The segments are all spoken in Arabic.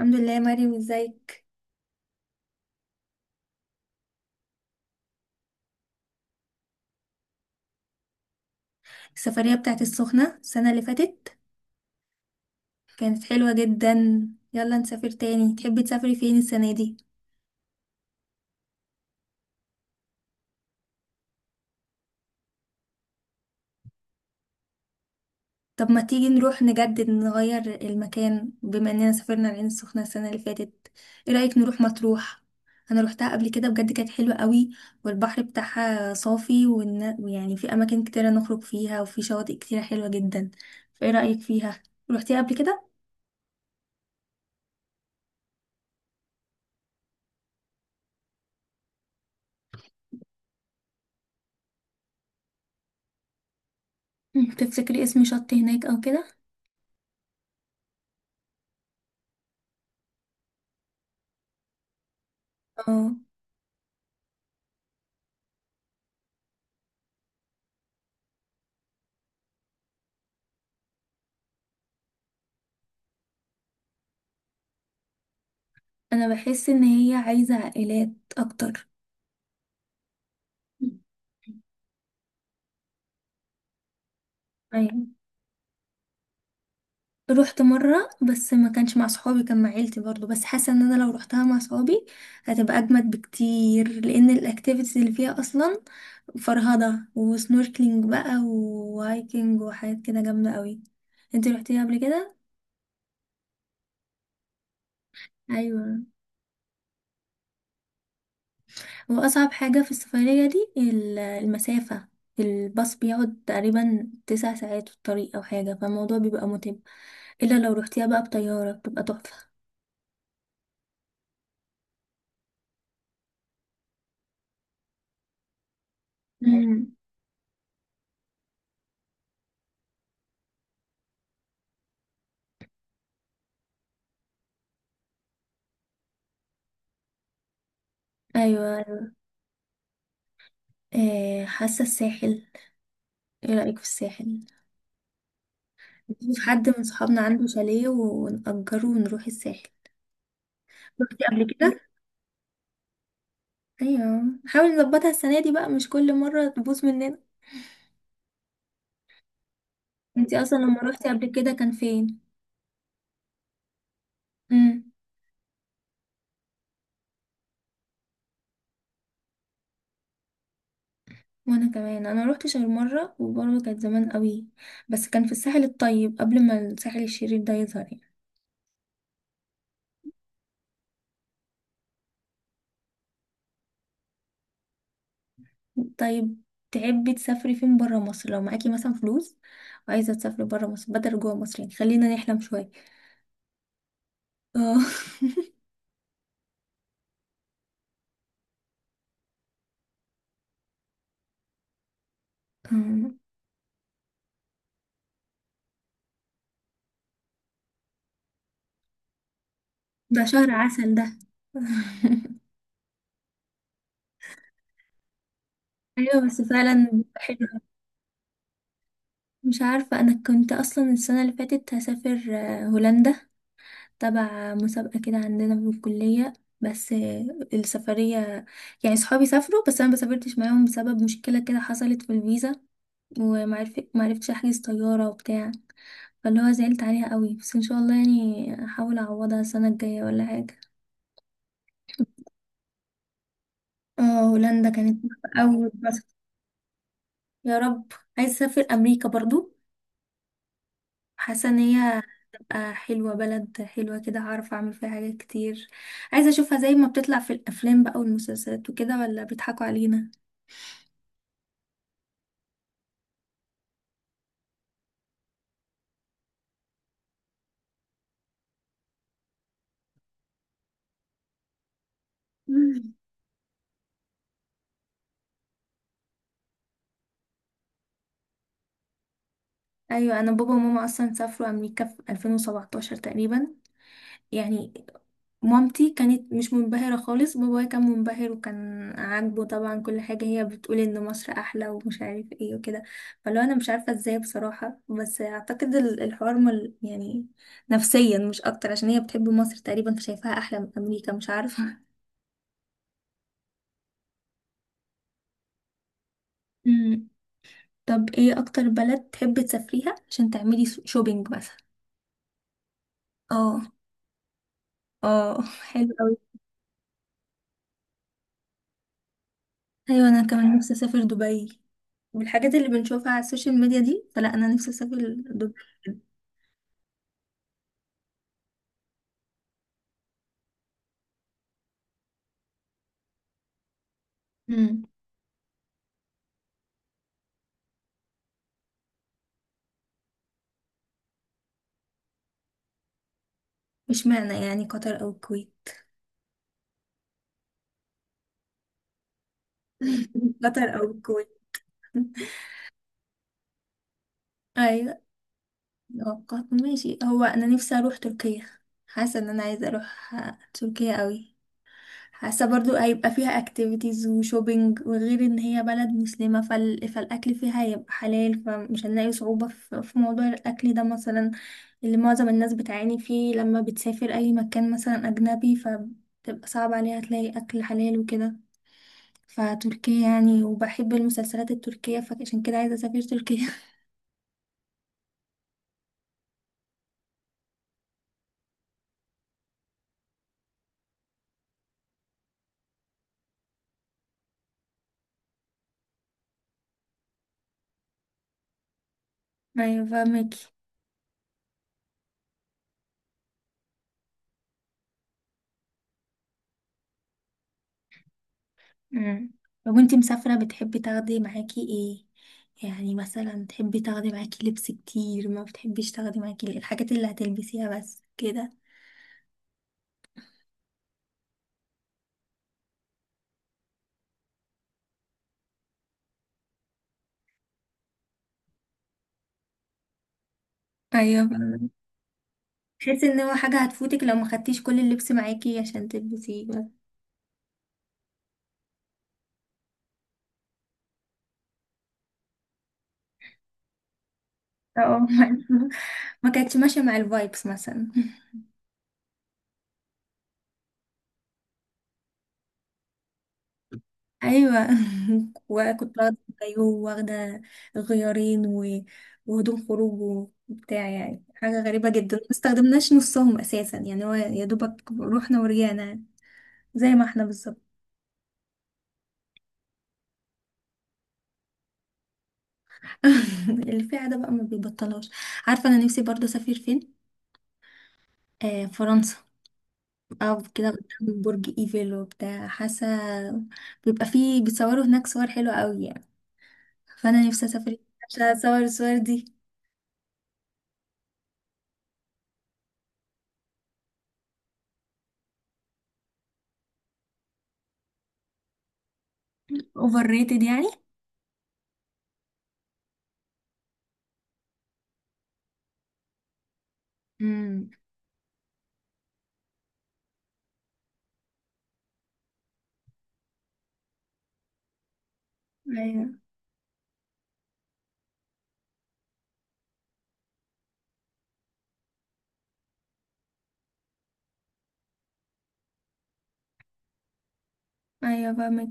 الحمد لله يا مريم، ازيك؟ السفرية بتاعت السخنة السنة اللي فاتت كانت حلوة جدا. يلا نسافر تاني، تحبي تسافري فين السنة دي؟ طب ما تيجي نروح نجدد نغير المكان، بما اننا سافرنا العين السخنة السنة اللي فاتت. ايه رأيك نروح مطروح؟ انا روحتها قبل كده بجد، كانت حلوة قوي. والبحر بتاعها صافي، ويعني في اماكن كتيرة نخرج فيها وفي شواطئ كتيرة حلوة جدا. فايه رأيك فيها؟ روحتيها قبل كده؟ تفتكري اسم شط هناك او كده؟ اه. انا بحس ان هي عايزة عائلات اكتر. ايوه، رحت مرة بس ما كانش مع صحابي، كان مع عيلتي برضو. بس حاسة ان انا لو رحتها مع صحابي هتبقى اجمد بكتير، لان الاكتيفيتيز اللي فيها اصلا فرهضة وسنوركلينج بقى وهايكنج وحاجات كده جامدة قوي. انتي رحتيها قبل كده؟ ايوه. وأصعب حاجة في السفرية دي المسافة. الباص بيقعد تقريبا 9 ساعات في الطريق أو حاجة، فالموضوع بيبقى متعب. إلا لو روحتيها بقى بطيارة بتبقى تحفة. مم. أيوة. حاسة الساحل. ايه رأيك في الساحل؟ في حد من صحابنا عنده شاليه ونأجره ونروح الساحل. روحتي قبل كده؟ أيوة، حاول نظبطها السنة دي بقى، مش كل مرة تبوظ مننا. انتي أصلا لما روحتي قبل كده كان فين؟ مم. وانا كمان انا روحت شرم مره وبرضه كانت زمان قوي. بس كان في الساحل الطيب قبل ما الساحل الشرير ده يظهر يعني. طيب، تحبي تسافري فين برا مصر لو معاكي مثلا فلوس، وعايزه تسافري برا مصر بدل جوا مصر، يعني خلينا نحلم شويه. اه. ده شهر عسل ده. ايوه بس فعلا حلو. مش عارفه، انا كنت اصلا السنه اللي فاتت هسافر هولندا، تبع مسابقة كده عندنا في الكلية. بس السفرية يعني صحابي سافروا بس أنا مسافرتش معاهم بسبب مشكلة كده حصلت في الفيزا، معرفتش أحجز طيارة وبتاع، فاللي هو زعلت عليها قوي. بس إن شاء الله يعني أحاول أعوضها السنة الجاية ولا حاجة. اه، هولندا كانت أول بس. يا رب. عايزة أسافر أمريكا برضو، حاسة إن هي تبقى حلوة، بلد حلوة كده هعرف أعمل فيها حاجات كتير. عايزة أشوفها زي ما بتطلع في الأفلام بقى والمسلسلات وكده، ولا بيضحكوا علينا؟ مم. ايوه، انا بابا وماما اصلا سافروا امريكا في 2017 تقريبا. يعني مامتي كانت مش منبهره خالص، بابايا كان منبهر وكان عاجبه طبعا كل حاجه. هي بتقول ان مصر احلى ومش عارف ايه وكده. فلو انا مش عارفه ازاي بصراحه، بس اعتقد الحوار مل يعني نفسيا مش اكتر، عشان هي بتحب مصر تقريبا فشايفاها احلى من امريكا، مش عارفه. مم. طب ايه اكتر بلد تحبي تسافريها عشان تعملي شوبينج مثلا؟ اه. اه حلو. ايوه انا كمان نفسي اسافر دبي، والحاجات اللي بنشوفها على السوشيال ميديا دي، فلا انا نفسي اسافر دبي. امم. مش معنى يعني قطر او الكويت. قطر او الكويت. ايوه. قطر ماشي، هو انا نفسي اروح تركيا. حاسه ان انا عايزه اروح تركيا قوي. حاسة برضو هيبقى فيها اكتيفيتيز وشوبينج، وغير ان هي بلد مسلمة فالاكل فيها هيبقى حلال، فمش هنلاقي صعوبة في موضوع الاكل ده مثلا، اللي معظم الناس بتعاني فيه لما بتسافر اي مكان مثلا اجنبي فبتبقى صعب عليها تلاقي اكل حلال وكده. فتركيا يعني، وبحب المسلسلات التركية فعشان كده عايزة اسافر تركيا. ايوه فاهمك. امم. لو انت مسافرة بتحبي تاخدي معاكي ايه؟ يعني مثلا تحبي تاخدي معاكي لبس كتير، ما بتحبيش تاخدي معاكي الحاجات اللي هتلبسيها بس كده. ايوه فاهمة. تحسي ان هو حاجة هتفوتك لو ما خدتيش كل اللبس معاكي عشان تلبسيه بس. اه. ما كانتش ماشية مع الفايبس مثلا. ايوه. وكنت واخده كايو واخده غيارين وهدوم خروج وبتاع، يعني حاجه غريبه جدا ما استخدمناش نصهم اساسا، يعني هو يا دوبك رحنا ورجعنا. زي ما احنا بالظبط. اللي فيها ده بقى ما بيبطلهاش. عارفه انا نفسي برضه اسافر فين؟ فرنسا، او كده قدام برج ايفل وبتاع. حاسه بيبقى فيه بيتصوروا هناك صور حلوه قوي يعني. فانا نفسي اسافر عشان اصور الصور دي. اوفر ريتد يعني. امم. ايوه فاهمك.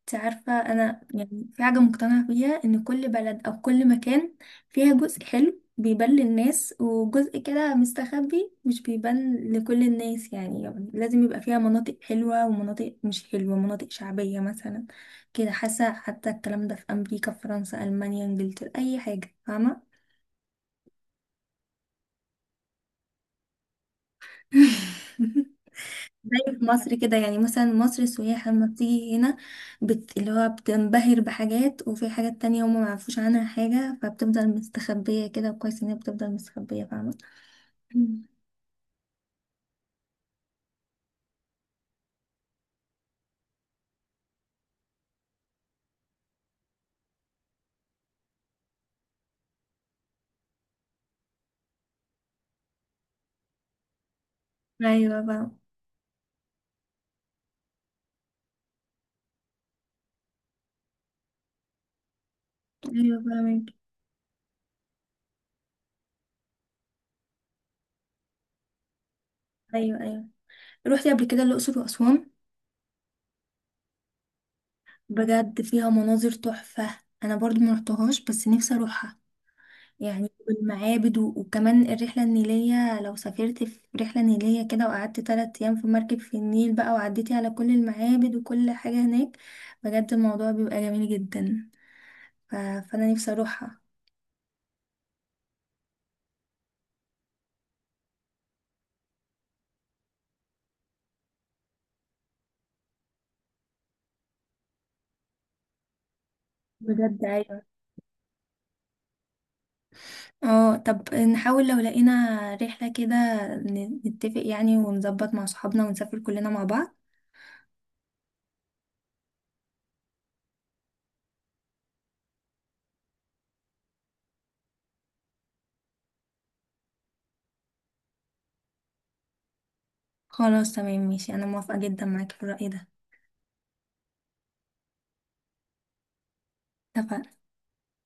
انت عارفه، انا يعني في حاجه مقتنعه بيها ان كل بلد او كل مكان فيها جزء حلو بيبان للناس، وجزء كده مستخبي مش بيبان لكل الناس. يعني لازم يبقى فيها مناطق حلوه ومناطق مش حلوه، مناطق شعبيه مثلا كده. حاسه حتى الكلام ده في امريكا، في فرنسا، المانيا، انجلترا، اي حاجه فاهمه. زي في مصر كده، يعني مثلا مصر السياح لما بتيجي هنا اللي هو بتنبهر بحاجات، وفي حاجات تانية هما معرفوش عنها حاجة فبتفضل مستخبية. كده كويس ان هي بتفضل مستخبية، فاهمة. مم. ايوه بقى. ايوه فاهمك. ايوه، ايوه. روحتي قبل كده الأقصر وأسوان؟ بجد فيها مناظر تحفة، انا برضو ما رحتهاش بس نفسي اروحها يعني. والمعابد وكمان الرحلة النيلية، لو سافرت في رحلة نيلية كده وقعدت 3 أيام في مركب في النيل بقى وعديتي على كل المعابد وكل حاجة هناك، بجد الموضوع بيبقى جميل جدا. فأنا نفسي أروحها بجد. أيوة، اه طب نحاول لو لقينا رحلة كده نتفق يعني، ونظبط مع صحابنا ونسافر كلنا مع بعض. خلاص تمام ماشي، أنا موافقة جدا معاك في الرأي ده. اتفقنا.